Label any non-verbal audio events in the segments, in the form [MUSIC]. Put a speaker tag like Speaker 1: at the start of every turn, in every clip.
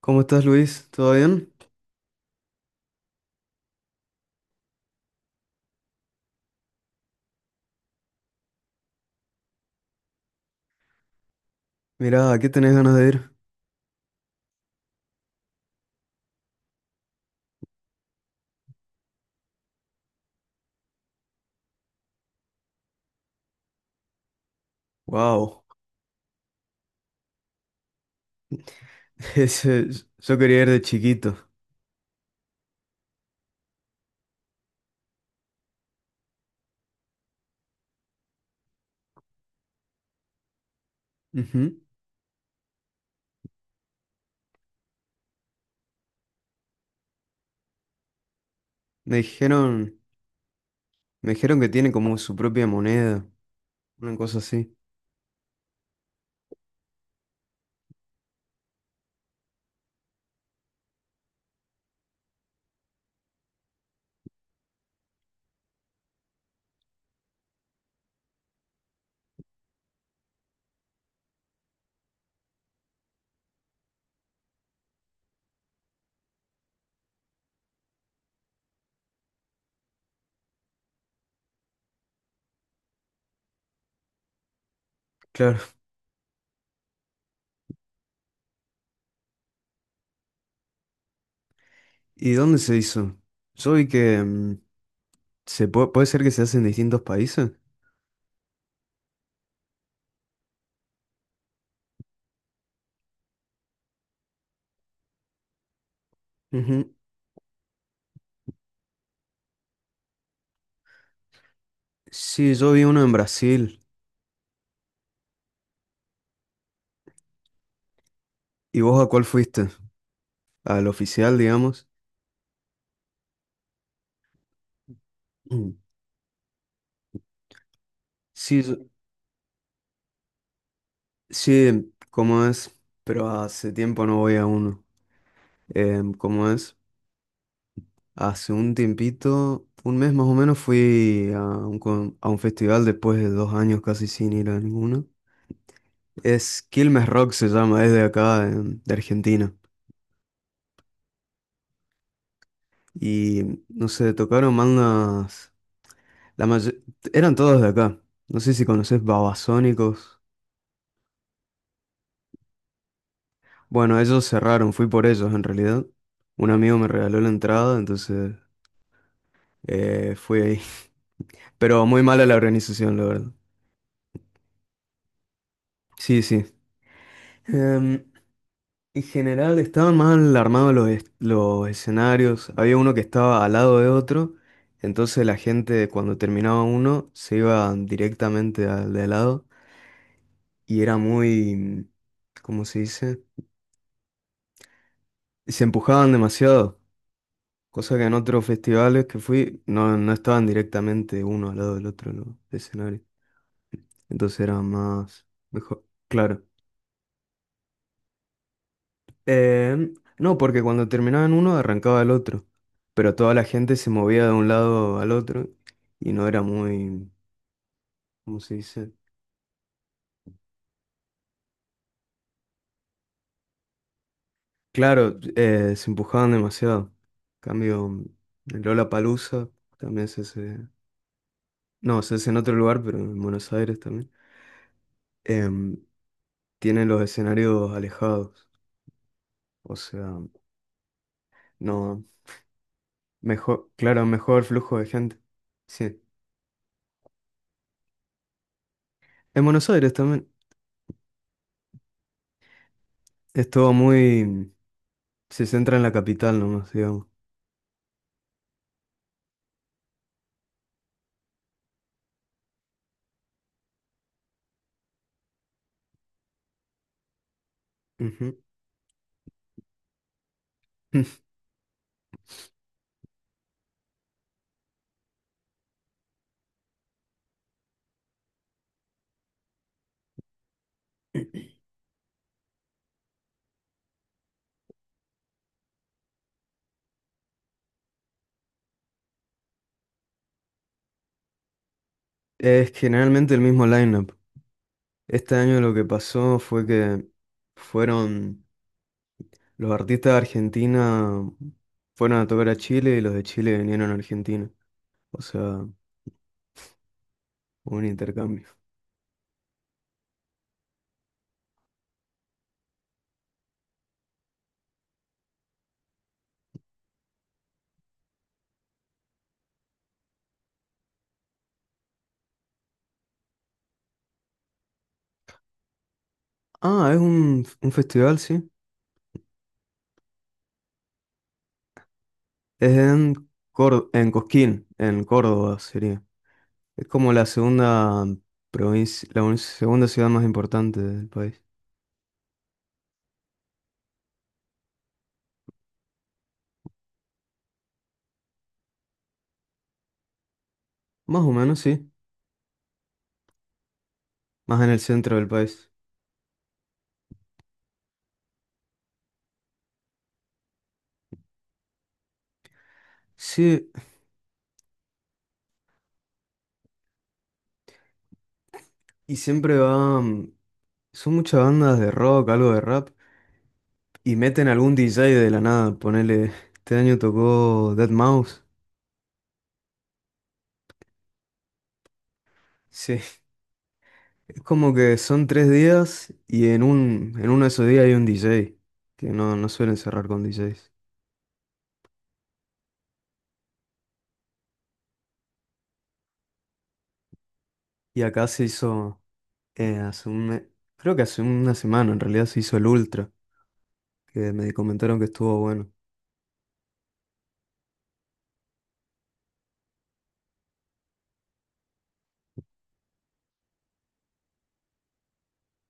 Speaker 1: ¿Cómo estás, Luis? ¿Todo bien? Mira, ¿a qué tenés ganas de ir? Wow. [LAUGHS] Ese, yo quería ir de chiquito. Ujú. Me dijeron, me dijeron que tiene como su propia moneda, una cosa así. Claro. ¿Y dónde se hizo? Yo vi que puede ser que se hace en distintos países. Ujú. Sí, yo vi uno en Brasil. ¿Y vos a cuál fuiste? Al oficial, digamos. Mm. Sí, yo- sí, ¿cómo es? Pero hace tiempo no voy a uno. ¿Cómo es? Hace un tiempito, un mes más o menos, fui a un festival después de 2 años casi sin ir a ninguno. Es Quilmes Rock se llama, es de acá, de Argentina. Y no sé, tocaron bandas, la mayo- eran todos de acá. No sé si conoces Babasónicos. Bueno, ellos cerraron, fui por ellos en realidad. Un amigo me regaló la entrada, entonces fui ahí. [LAUGHS] Pero muy mala la organización, la verdad. Sí, sí. En general estaban mal armados los escenarios. Había uno que estaba al lado de otro, entonces la gente cuando terminaba uno se iba directamente al de al lado y era muy, ¿cómo se dice? Se empujaban demasiado, cosa que en otros festivales que fui no estaban directamente uno al lado del otro los escenarios, entonces era más mejor, claro. Eh, no, porque cuando terminaban uno arrancaba el otro, pero toda la gente se movía de un lado al otro y no era muy, ¿cómo se dice? Claro, se empujaban demasiado. En cambio, el Palusa también se hace, no, se hace en otro lugar, pero en Buenos Aires también. Em, Tiene los escenarios alejados, o sea, no, mejor, claro, mejor flujo de gente. Sí, en Buenos Aires también. Es todo muy, se centra en la capital nomás, digamos. Ujú. [LAUGHS] Es generalmente el mismo lineup. Este año lo que pasó fue que fueron los artistas de Argentina, fueron a tocar a Chile y los de Chile vinieron a Argentina. O sea, un intercambio. Ah, es un festival, sí. Es en en Cosquín, en Córdoba sería. Es como la segunda provincia, segunda ciudad más importante del país. Más o menos, sí. Más en el centro del país. Sí, y siempre va. Son muchas bandas de rock, algo de rap, y meten algún DJ de la nada, ponele, este año tocó Dead Mouse. Sí, es como que son 3 días y en uno de esos días hay un DJ, que no suelen cerrar con DJs. Y acá se hizo, eh, hace un, me- creo que hace una semana en realidad se hizo el Ultra, que me comentaron que estuvo bueno.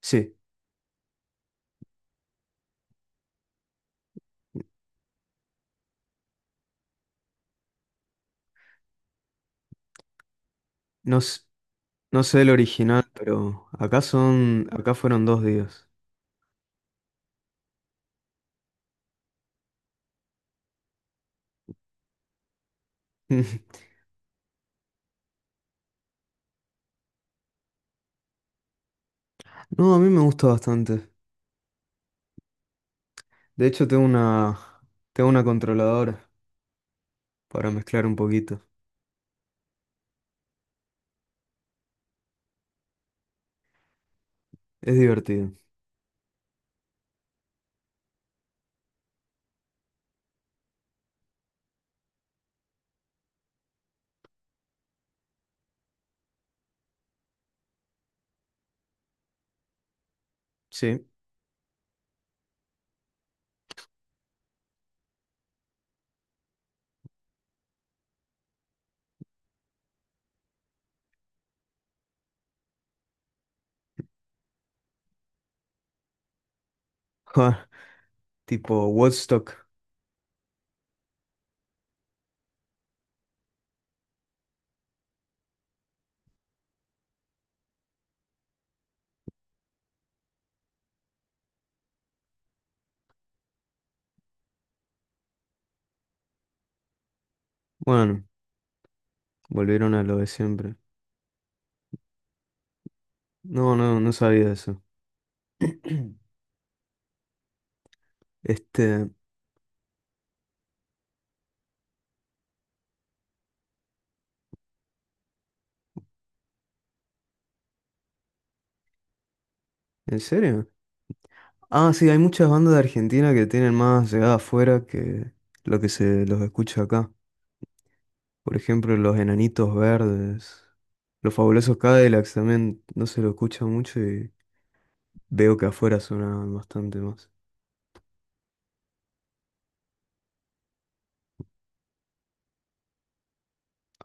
Speaker 1: Sí, no, no sé el original, pero acá fueron 2 días. [LAUGHS] No, a mí me gusta bastante. De hecho, tengo una controladora para mezclar un poquito. Es divertido. Sí. [LAUGHS] Ja, tipo Woodstock. Bueno, volvieron a lo de siempre. No, no, no sabía eso. [CLEARS THROAT] Este, ¿en serio? Ah, sí, hay muchas bandas de Argentina que tienen más llegada afuera que lo que se los escucha acá. Por ejemplo, los Enanitos Verdes. Los Fabulosos Cadillacs también no se lo escucha mucho y veo que afuera suena bastante más.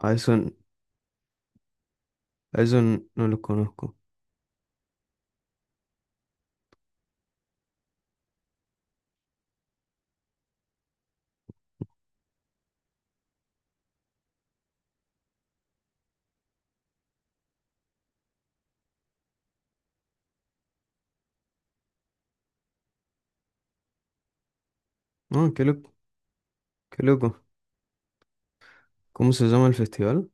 Speaker 1: A eso no lo conozco. No, qué loco, qué loco. ¿Cómo se llama el festival?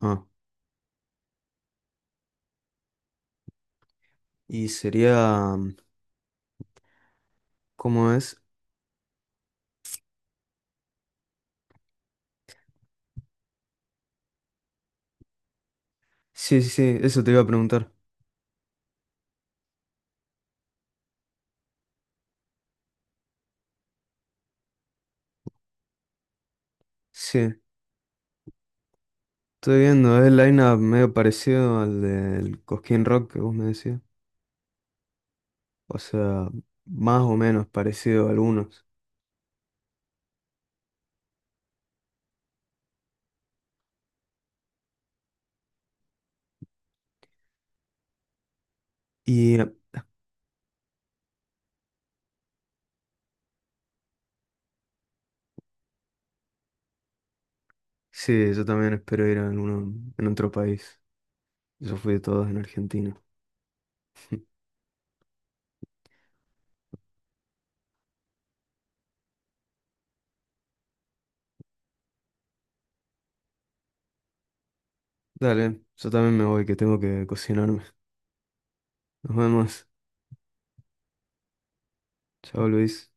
Speaker 1: Ah, y sería, ¿cómo es? Sí, sí, sí, eso te iba a preguntar. Sí, estoy viendo, es el line-up medio parecido al del Cosquín Rock que vos me decías. O sea, más o menos parecido a algunos. Y sí, yo también espero ir a alguno en otro país. Yo fui de todos en Argentina. Dale, yo también me voy que tengo que cocinarme. Nos vemos. Chao, Luis.